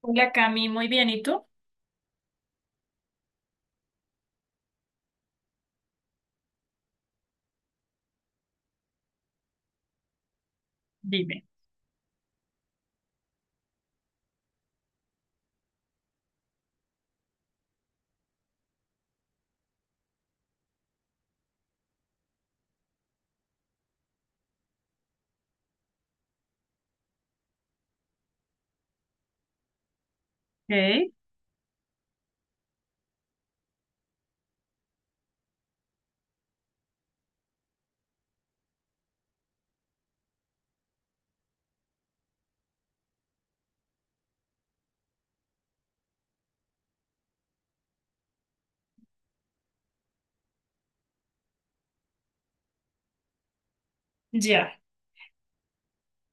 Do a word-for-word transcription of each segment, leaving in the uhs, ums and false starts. Hola Cami, muy bien. ¿Y tú? Dime. Ok. Ya,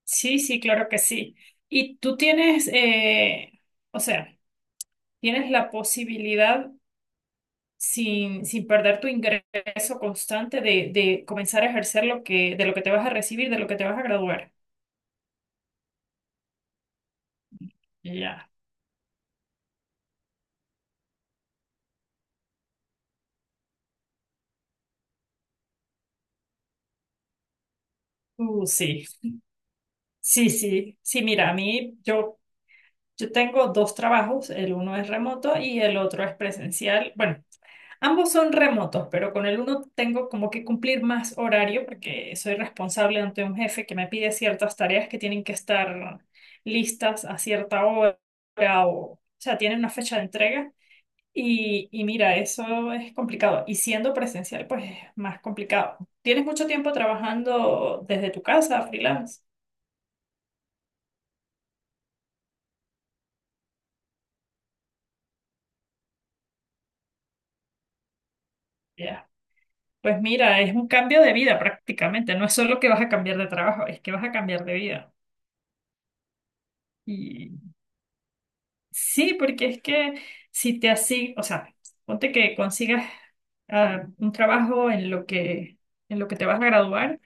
sí, sí, claro que sí. Y tú tienes, eh, o sea, tienes la posibilidad, sin, sin perder tu ingreso constante, de, de comenzar a ejercer lo que, de lo que te vas a recibir, de lo que te vas a graduar. Ya. Uh, sí, sí, sí. Sí, mira, a mí, yo, yo tengo dos trabajos, el uno es remoto y el otro es presencial. Bueno, ambos son remotos, pero con el uno tengo como que cumplir más horario porque soy responsable ante un jefe que me pide ciertas tareas que tienen que estar listas a cierta hora o, o sea, tienen una fecha de entrega. Y, y mira, eso es complicado. Y siendo presencial, pues es más complicado. ¿Tienes mucho tiempo trabajando desde tu casa, freelance? Ya. Pues mira, es un cambio de vida prácticamente. No es solo que vas a cambiar de trabajo, es que vas a cambiar de vida. Sí, porque es que si te así, o sea, ponte que consigas ah, un trabajo en lo que en lo que te vas a graduar,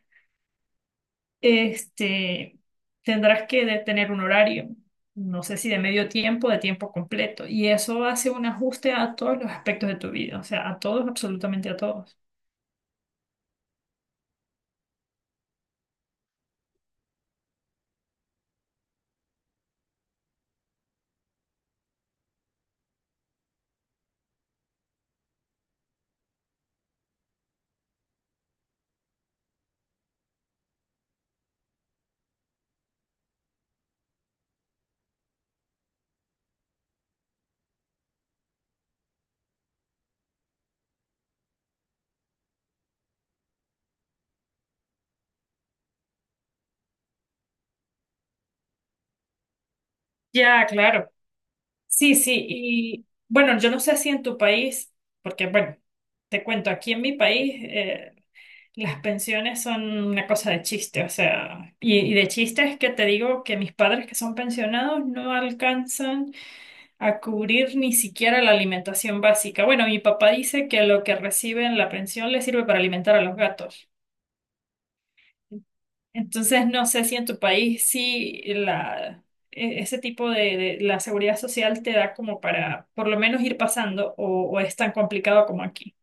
este, tendrás que de- tener un horario, no sé si de medio tiempo, de tiempo completo, y eso hace un ajuste a todos los aspectos de tu vida, o sea, a todos, absolutamente a todos. Ya, claro. Sí, sí, y bueno, yo no sé si en tu país, porque bueno, te cuento, aquí en mi país, eh, las pensiones son una cosa de chiste, o sea, y, y de chiste es que te digo que mis padres que son pensionados no alcanzan a cubrir ni siquiera la alimentación básica. Bueno, mi papá dice que lo que recibe en la pensión le sirve para alimentar a los gatos. Entonces, no sé si en tu país sí la, e- ese tipo de, de- la seguridad social te da como para por lo menos ir pasando o, o es tan complicado como aquí.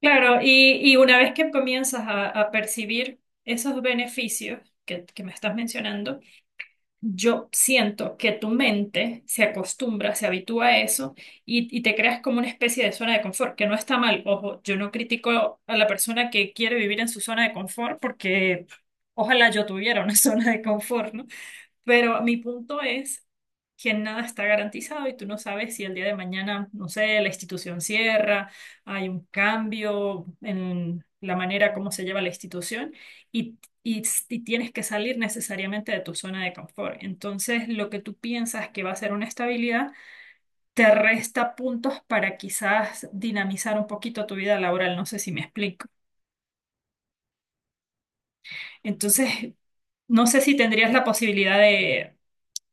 Claro, y, y una vez que comienzas a, a percibir esos beneficios que, que me estás mencionando, yo siento que tu mente se acostumbra, se habitúa a eso y, y te creas como una especie de zona de confort, que no está mal. Ojo, yo no critico a la persona que quiere vivir en su zona de confort porque ojalá yo tuviera una zona de confort, ¿no? Pero mi punto es que nada está garantizado y tú no sabes si el día de mañana, no sé, la institución cierra, hay un cambio en la manera como se lleva la institución y, y, y tienes que salir necesariamente de tu zona de confort. Entonces, lo que tú piensas que va a ser una estabilidad te resta puntos para quizás dinamizar un poquito tu vida laboral. No sé si me explico. Entonces, no sé si tendrías la posibilidad de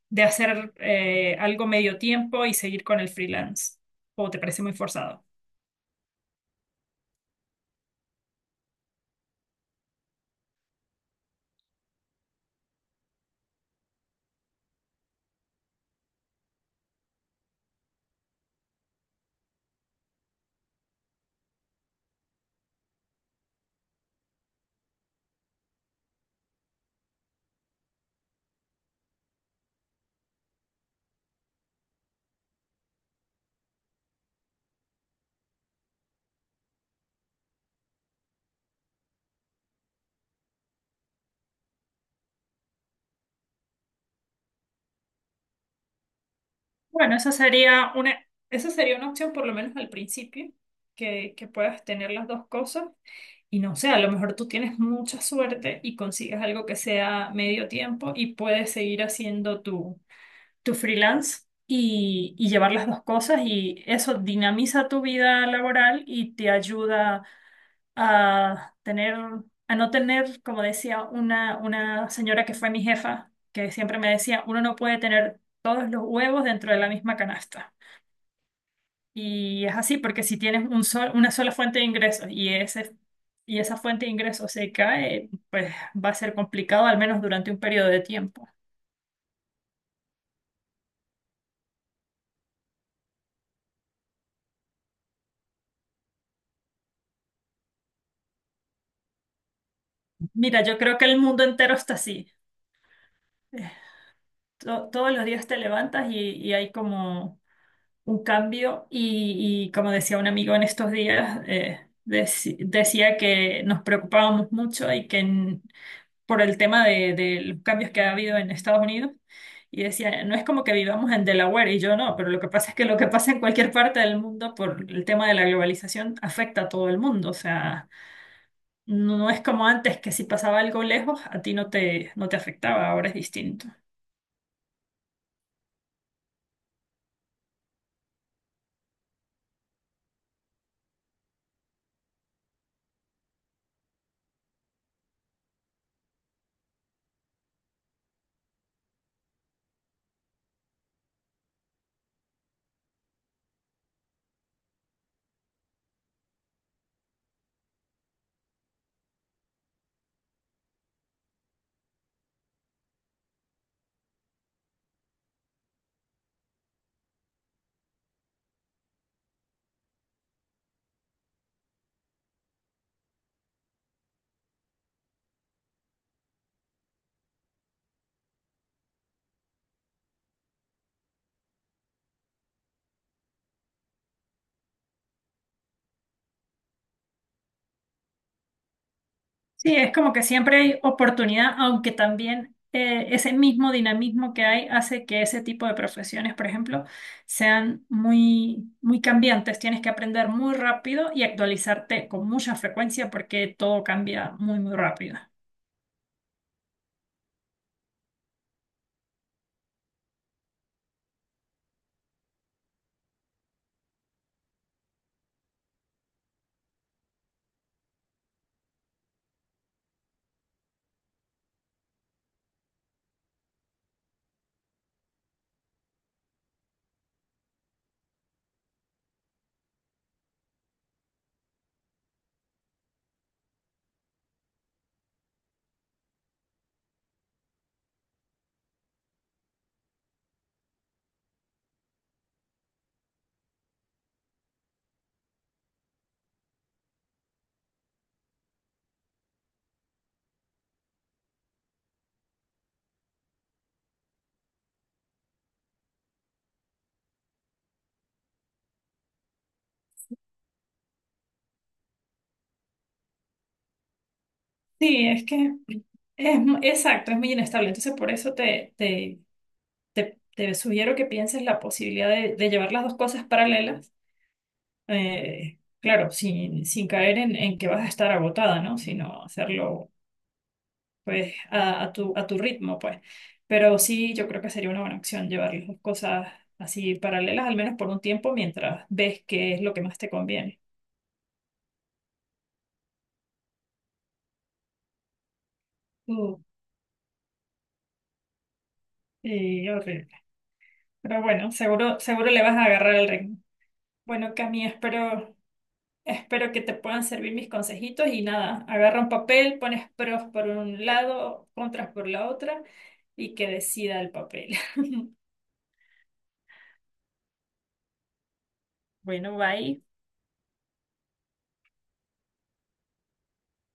de hacer eh, algo medio tiempo y seguir con el freelance? ¿O te parece muy forzado? Bueno, esa sería una, esa sería una opción por lo menos al principio, que, que puedas tener las dos cosas. Y no sé, a lo mejor tú tienes mucha suerte y consigues algo que sea medio tiempo y puedes seguir haciendo tu, tu freelance y, y llevar las dos cosas y eso dinamiza tu vida laboral y te ayuda a tener, a no tener, como decía una, una señora que fue mi jefa, que siempre me decía, uno no puede tener todos los huevos dentro de la misma canasta. Y es así, porque si tienes un sol- una sola fuente de ingresos y ese, y esa fuente de ingresos se cae, pues va a ser complicado, al menos durante un periodo de tiempo. Mira, yo creo que el mundo entero está así. to- todos los días te levantas y, y hay como un cambio y, y como decía un amigo en estos días, eh, deci- decía que nos preocupábamos mucho y que en- por el tema de, de los cambios que ha habido en Estados Unidos y decía, no es como que vivamos en Delaware y yo no, pero lo que pasa es que lo que pasa en cualquier parte del mundo por el tema de la globalización afecta a todo el mundo, o sea, no no es como antes que si pasaba algo lejos, a ti no te, no te afectaba, ahora es distinto. Sí, es como que siempre hay oportunidad, aunque también eh, ese mismo dinamismo que hay hace que ese tipo de profesiones, por ejemplo, sean muy, muy cambiantes. Tienes que aprender muy rápido y actualizarte con mucha frecuencia porque todo cambia muy, muy rápido. Sí, es que es mu- exacto, es muy inestable. Entonces, por eso te, te, te, te sugiero que pienses la posibilidad de, de llevar las dos cosas paralelas. Eh, claro, sin, sin caer en, en que vas a estar agotada, ¿no? Sino hacerlo pues a, a tu, a tu ritmo, pues. Pero sí, yo creo que sería una buena opción llevar las dos cosas así paralelas, al menos por un tiempo, mientras ves qué es lo que más te conviene. Uh, y horrible. Pero bueno, seguro, seguro le vas a agarrar el ritmo. Bueno, Cami, espero, espero que te puedan servir mis consejitos y nada, agarra un papel, pones pros por un lado, contras por la otra y que decida el papel. Bueno, bye.